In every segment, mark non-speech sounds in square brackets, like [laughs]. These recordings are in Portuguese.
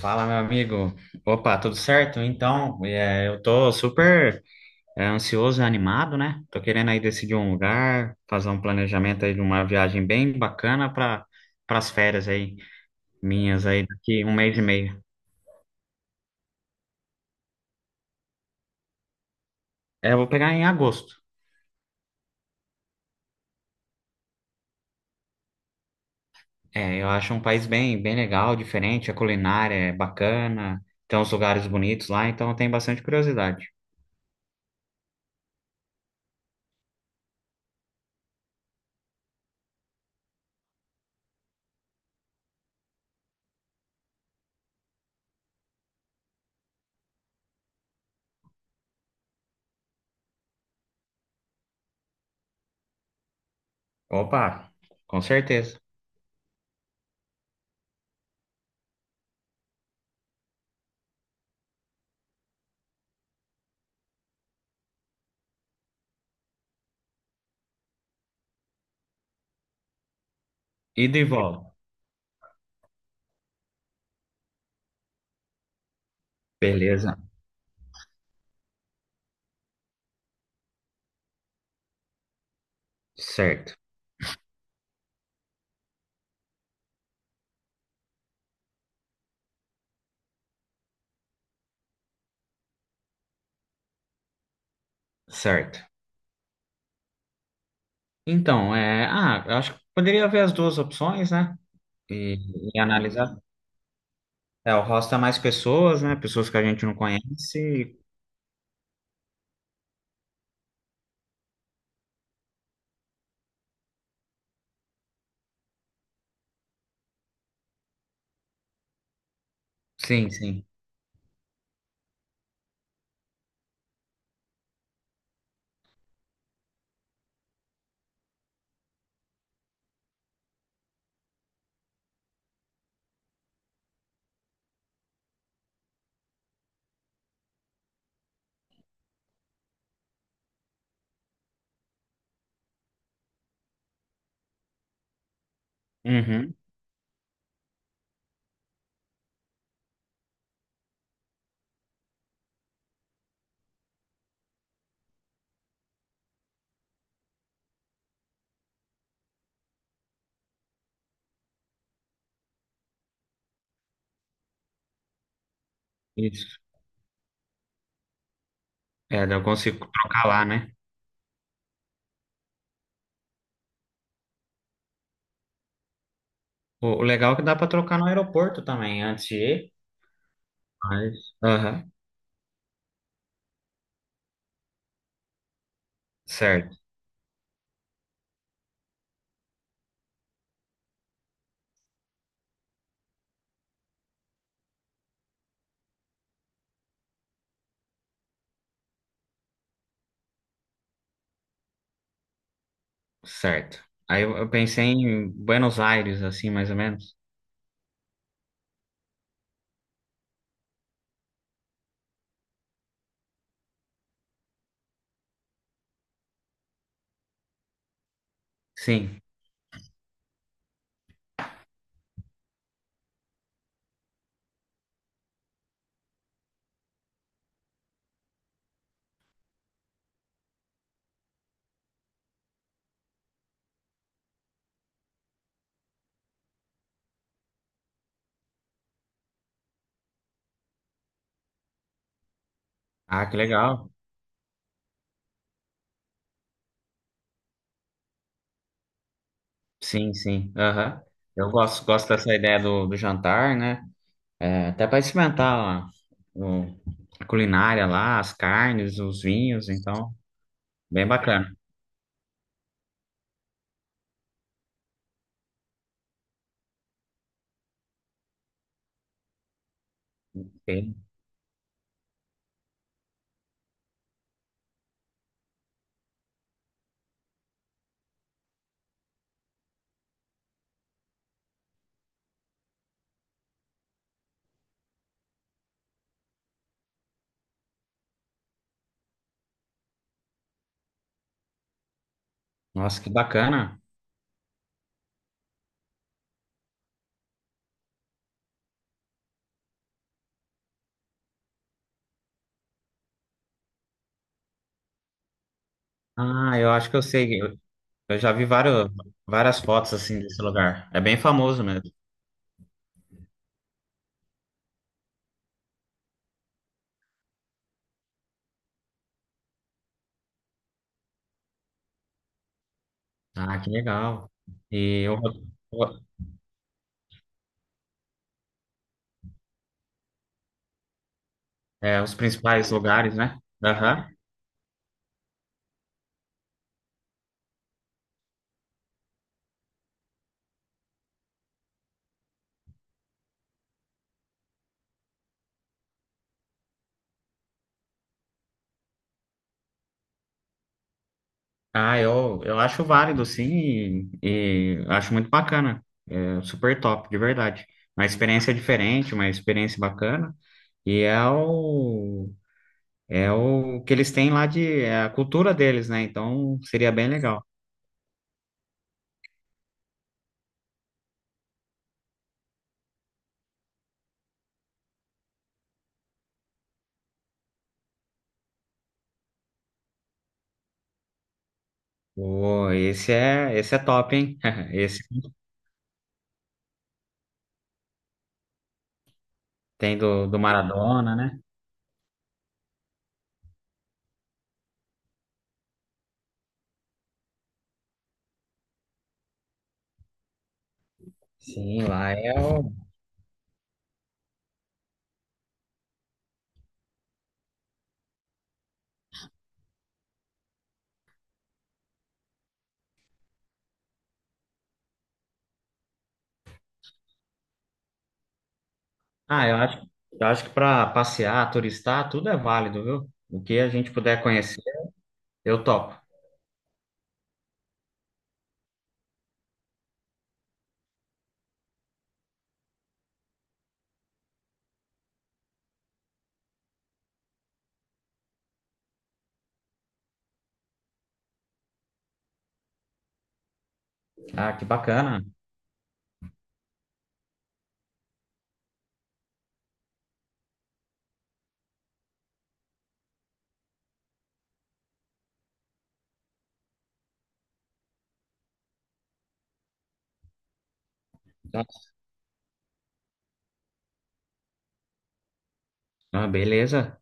Fala, meu amigo. Opa, tudo certo? Então, eu tô super ansioso e animado, né? Tô querendo aí decidir um lugar, fazer um planejamento aí de uma viagem bem bacana para as férias aí minhas aí daqui um mês e meio. É, eu vou pegar em agosto. É, eu acho um país bem legal, diferente, a culinária é bacana, tem uns lugares bonitos lá, então eu tenho bastante curiosidade. Opa, com certeza. Ida e volta. Beleza. Certo, certo. Então, ah, eu acho que poderia haver as duas opções, né? E, e analisar. É, o rosto é mais pessoas, né? Pessoas que a gente não conhece. Sim, sim. Uhum, isso. É, daí eu consigo trocar lá, né? O legal é que dá para trocar no aeroporto também, antes de ir. Mas, aham, certo, certo. Aí eu pensei em Buenos Aires, assim, mais ou menos. Sim. Ah, que legal. Sim, sim. Aham. Eu gosto dessa ideia do jantar, né? É, até para experimentar ó, o- a culinária lá, as carnes, os vinhos, então, bem bacana. Bem- Nossa, que bacana. Ah, eu acho que eu sei. Eu já vi várias fotos assim desse lugar. É bem famoso mesmo. Ah, que legal. E o- o- é, os principais lugares, né? Aham. Ah, eu acho válido, sim, e acho muito bacana. É super top, de verdade. Uma experiência diferente, uma experiência bacana. E é o É o que eles têm lá de, é a cultura deles, né? Então seria bem legal. Pô, esse é top, hein? [laughs] Esse tem do Maradona, né? Sim, lá é o. Ah, eu acho que para passear, turistar, tudo é válido, viu? O que a gente puder conhecer, eu topo. Ah, que bacana. Ah, beleza.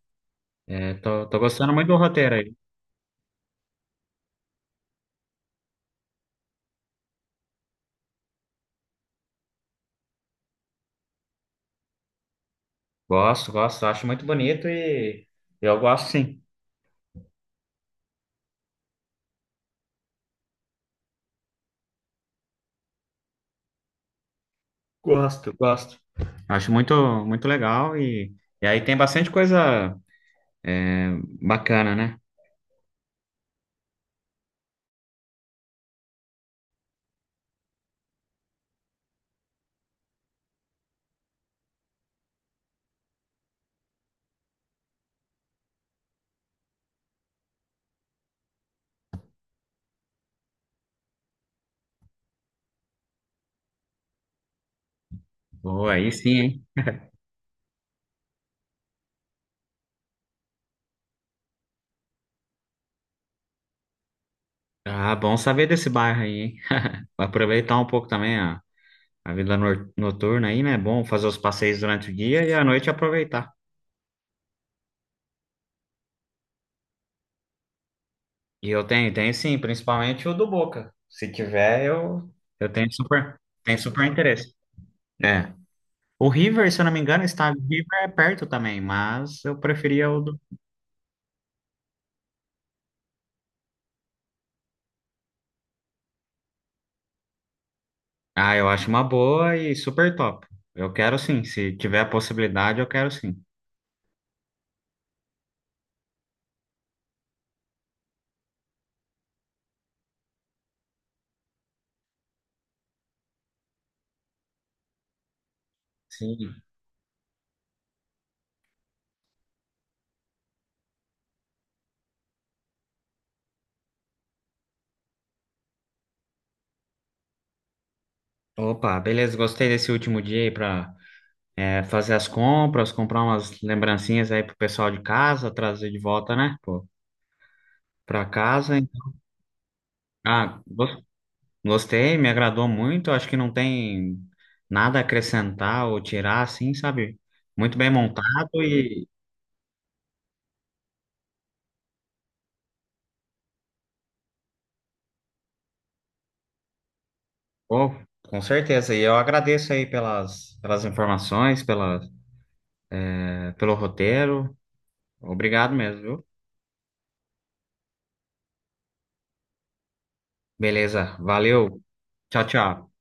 É, tô gostando muito do roteiro aí. Gosto, gosto, acho muito bonito e eu gosto sim. Gosto, gosto. Acho muito, muito legal e aí tem bastante coisa bacana, né? Pô, aí sim, hein? Ah, bom saber desse bairro aí, hein? [laughs] Aproveitar um pouco também a vida noturna aí, né? É bom fazer os passeios durante o dia e à noite aproveitar. E eu tenho, tenho sim, principalmente o do Boca. Se tiver, eu tenho super interesse. É. O River, se eu não me engano, está River é perto também, mas eu preferia o Ah, eu acho uma boa e super top. Eu quero sim, se tiver a possibilidade, eu quero sim. Sim. Opa, beleza, gostei desse último dia aí pra é, fazer as compras, comprar umas lembrancinhas aí pro pessoal de casa, trazer de volta, né, pô, pra casa. Ah, gos- Gostei, me agradou muito. Acho que não tem nada a acrescentar ou tirar, assim, sabe? Muito bem montado pô, com certeza. E eu agradeço aí pelas informações, é, pelo roteiro. Obrigado mesmo, viu? Beleza, valeu. Tchau, tchau.